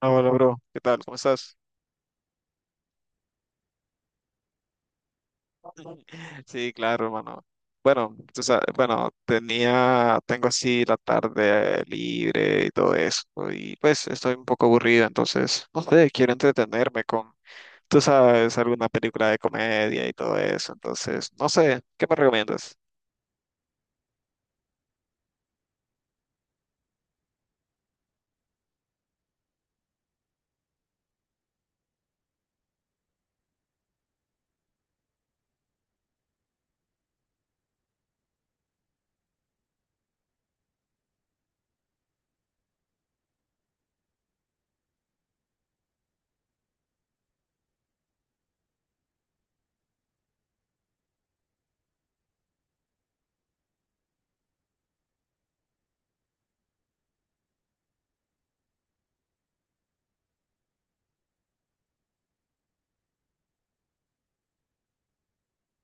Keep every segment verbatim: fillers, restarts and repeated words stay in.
Ah, Hola, bro. ¿Qué tal? ¿Cómo estás? Sí, claro, hermano. Bueno, tú sabes, bueno, tenía, tengo así la tarde libre y todo eso, y pues estoy un poco aburrido, entonces, no sé, quiero entretenerme con, tú sabes, alguna película de comedia y todo eso, entonces, no sé, ¿qué me recomiendas?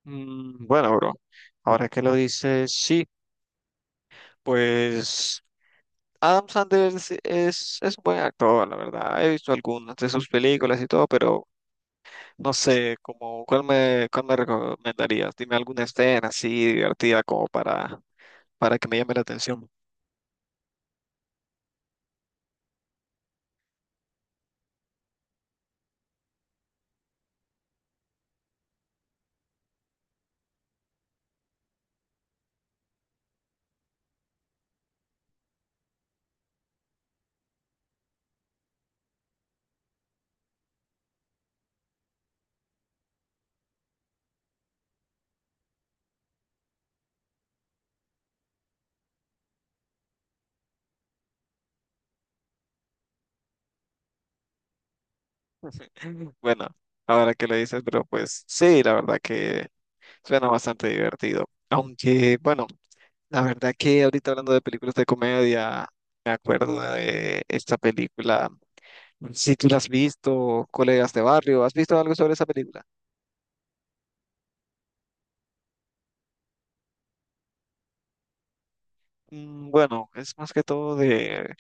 Mm, bueno, bro, ahora que lo dices, sí, pues Adam Sanders es, es un buen actor, la verdad. He visto algunas de sus películas y todo, pero no sé, como, ¿cuál me, ¿cuál me recomendarías? Dime alguna escena así divertida como para, para que me llame la atención. Bueno, ahora que lo dices, pero pues sí, la verdad que suena bastante divertido. Aunque, bueno, la verdad que ahorita hablando de películas de comedia, me acuerdo de esta película. Si tú la has visto, Colegas de Barrio, ¿has visto algo sobre esa película? Mm, Bueno, es más que todo de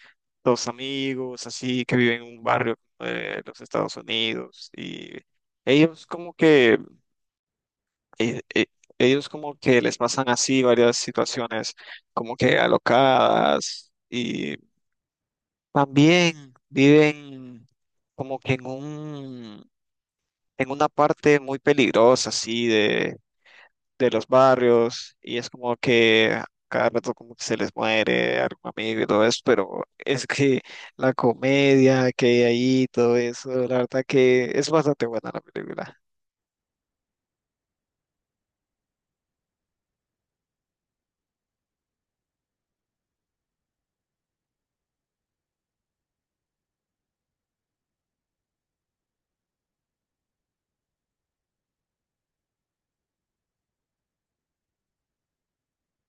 dos amigos así que viven en un barrio de los Estados Unidos y ellos como que eh, eh, ellos como que les pasan así varias situaciones como que alocadas y también viven como que en un en una parte muy peligrosa así de los barrios y es como que cada rato como que se les muere algún amigo y todo eso, pero es que la comedia que hay ahí, todo eso, la verdad que es bastante buena la película.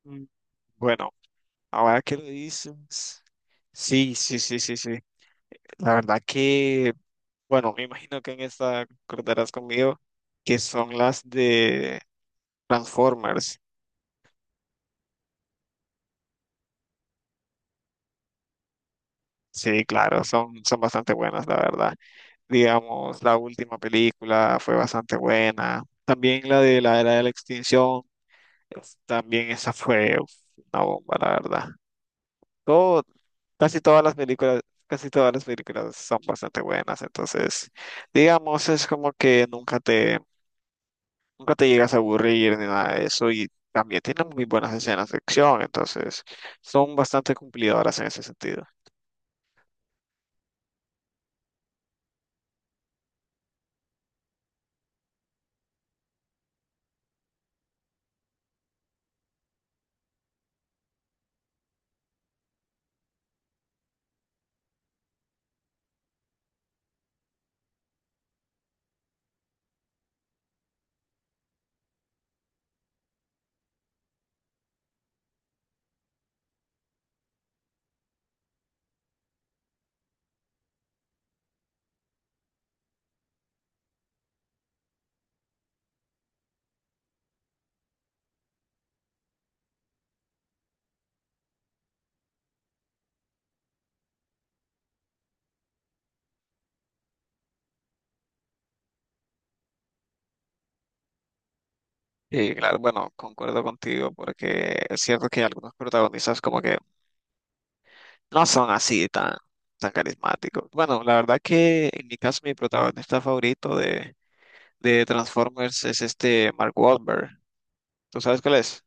Mm. Bueno, ahora que lo dices, sí, sí, sí, sí, sí, la verdad que, bueno, me imagino que en esta acordarás conmigo que son las de Transformers. Sí, claro, son, son bastante buenas, la verdad. Digamos, la última película fue bastante buena. También la de la era de la extinción, es- también esa fue uf, una bomba, la verdad. Todo, casi todas las películas, casi todas las películas son bastante buenas, entonces, digamos, es como que nunca te, nunca te llegas a aburrir ni nada de eso y también tienen muy buenas escenas de acción, entonces son bastante cumplidoras en ese sentido. Y claro, bueno, concuerdo contigo porque es cierto que algunos protagonistas como que no son así tan, tan carismáticos. Bueno, la verdad que en mi caso mi protagonista favorito de, de Transformers es este Mark Wahlberg. ¿Tú sabes cuál es?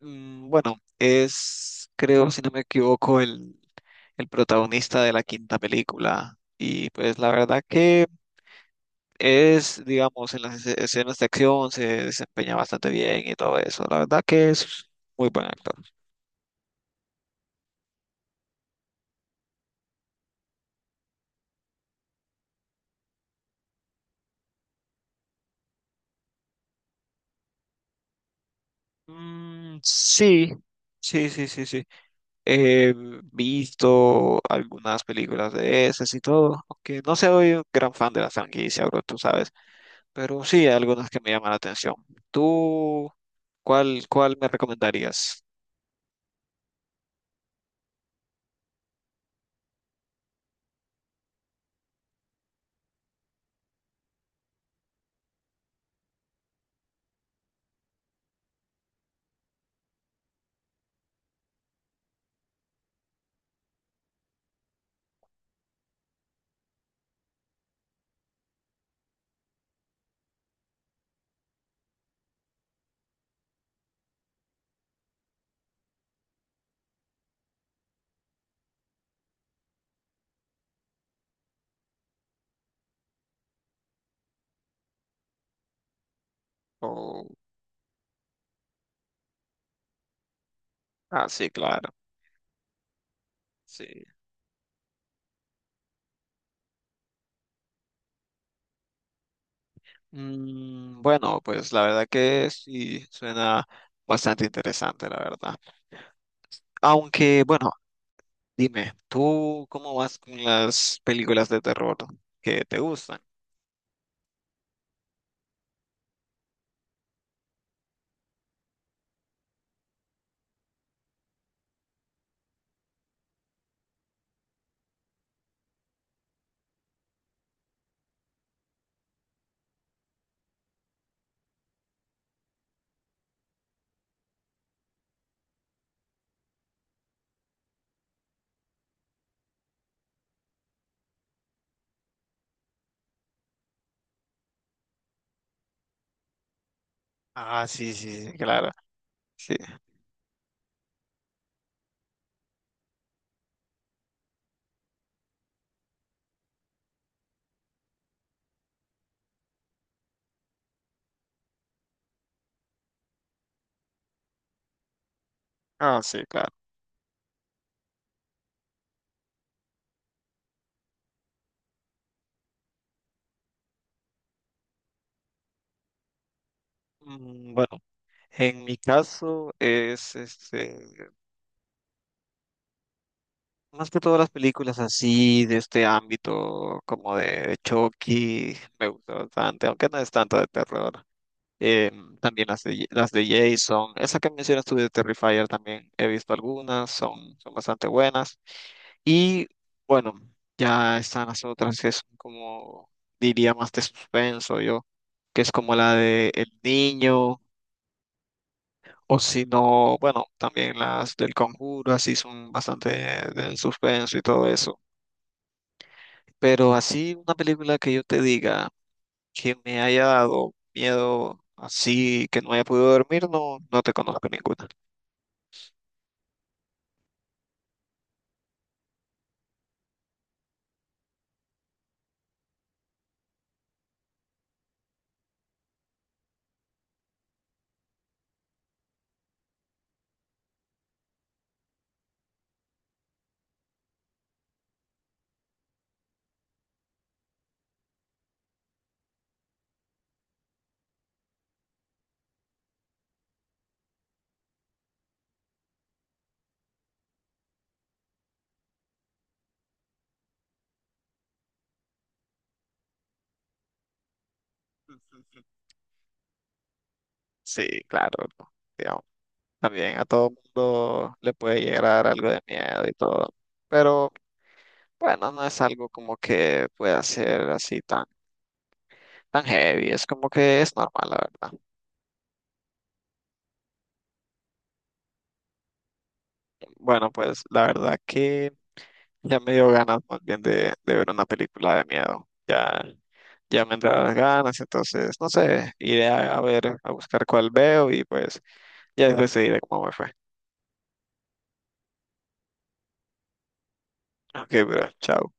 Mm, bueno, es, creo, si no me equivoco, el, el protagonista de la quinta película. Y pues la verdad que es, digamos, en las esce- escenas de acción se desempeña bastante bien y todo eso. La verdad que es muy buen actor. Mm, sí, sí, sí, sí, sí. He visto algunas películas de esas y todo, aunque no soy un gran fan de la franquicia, bro, tú sabes, pero sí hay algunas que me llaman la atención. ¿Tú cuál, cuál me recomendarías? Oh, ah, sí, claro. Sí. Mm, bueno, pues la verdad que sí suena bastante interesante, la verdad. Aunque, bueno, dime, ¿tú cómo vas con las películas de terror que te gustan? Ah, sí, sí, sí, claro. Sí. Ah, sí, claro. Mm, bueno, en mi caso es este, más que todas las películas así de este ámbito como de Chucky, me gusta bastante, aunque no es tanto de terror. eh, También las de, las de Jason, esa que mencionas tú de Terrifier también he visto algunas, son, son bastante buenas. Y bueno, ya están las otras que son como, diría más de suspenso yo, que es como la de El Niño, o si no, bueno, también las del Conjuro, así son bastante del suspenso y todo eso. Pero así una película que yo te diga que me haya dado miedo así que no haya podido dormir, no, no te conozco ninguna. Sí, claro, ¿no? Digamos, también a todo mundo le puede llegar a dar algo de miedo y todo, pero bueno, no es algo como que pueda ser así tan, tan heavy, es como que es normal, la verdad. Bueno, pues la verdad que ya me dio ganas más bien de, de ver una película de miedo, ya, ya me entraron las ganas, entonces, no sé, iré a, a ver, a buscar cuál veo y pues ya les decidiré cómo me fue. Ok, bro, chao.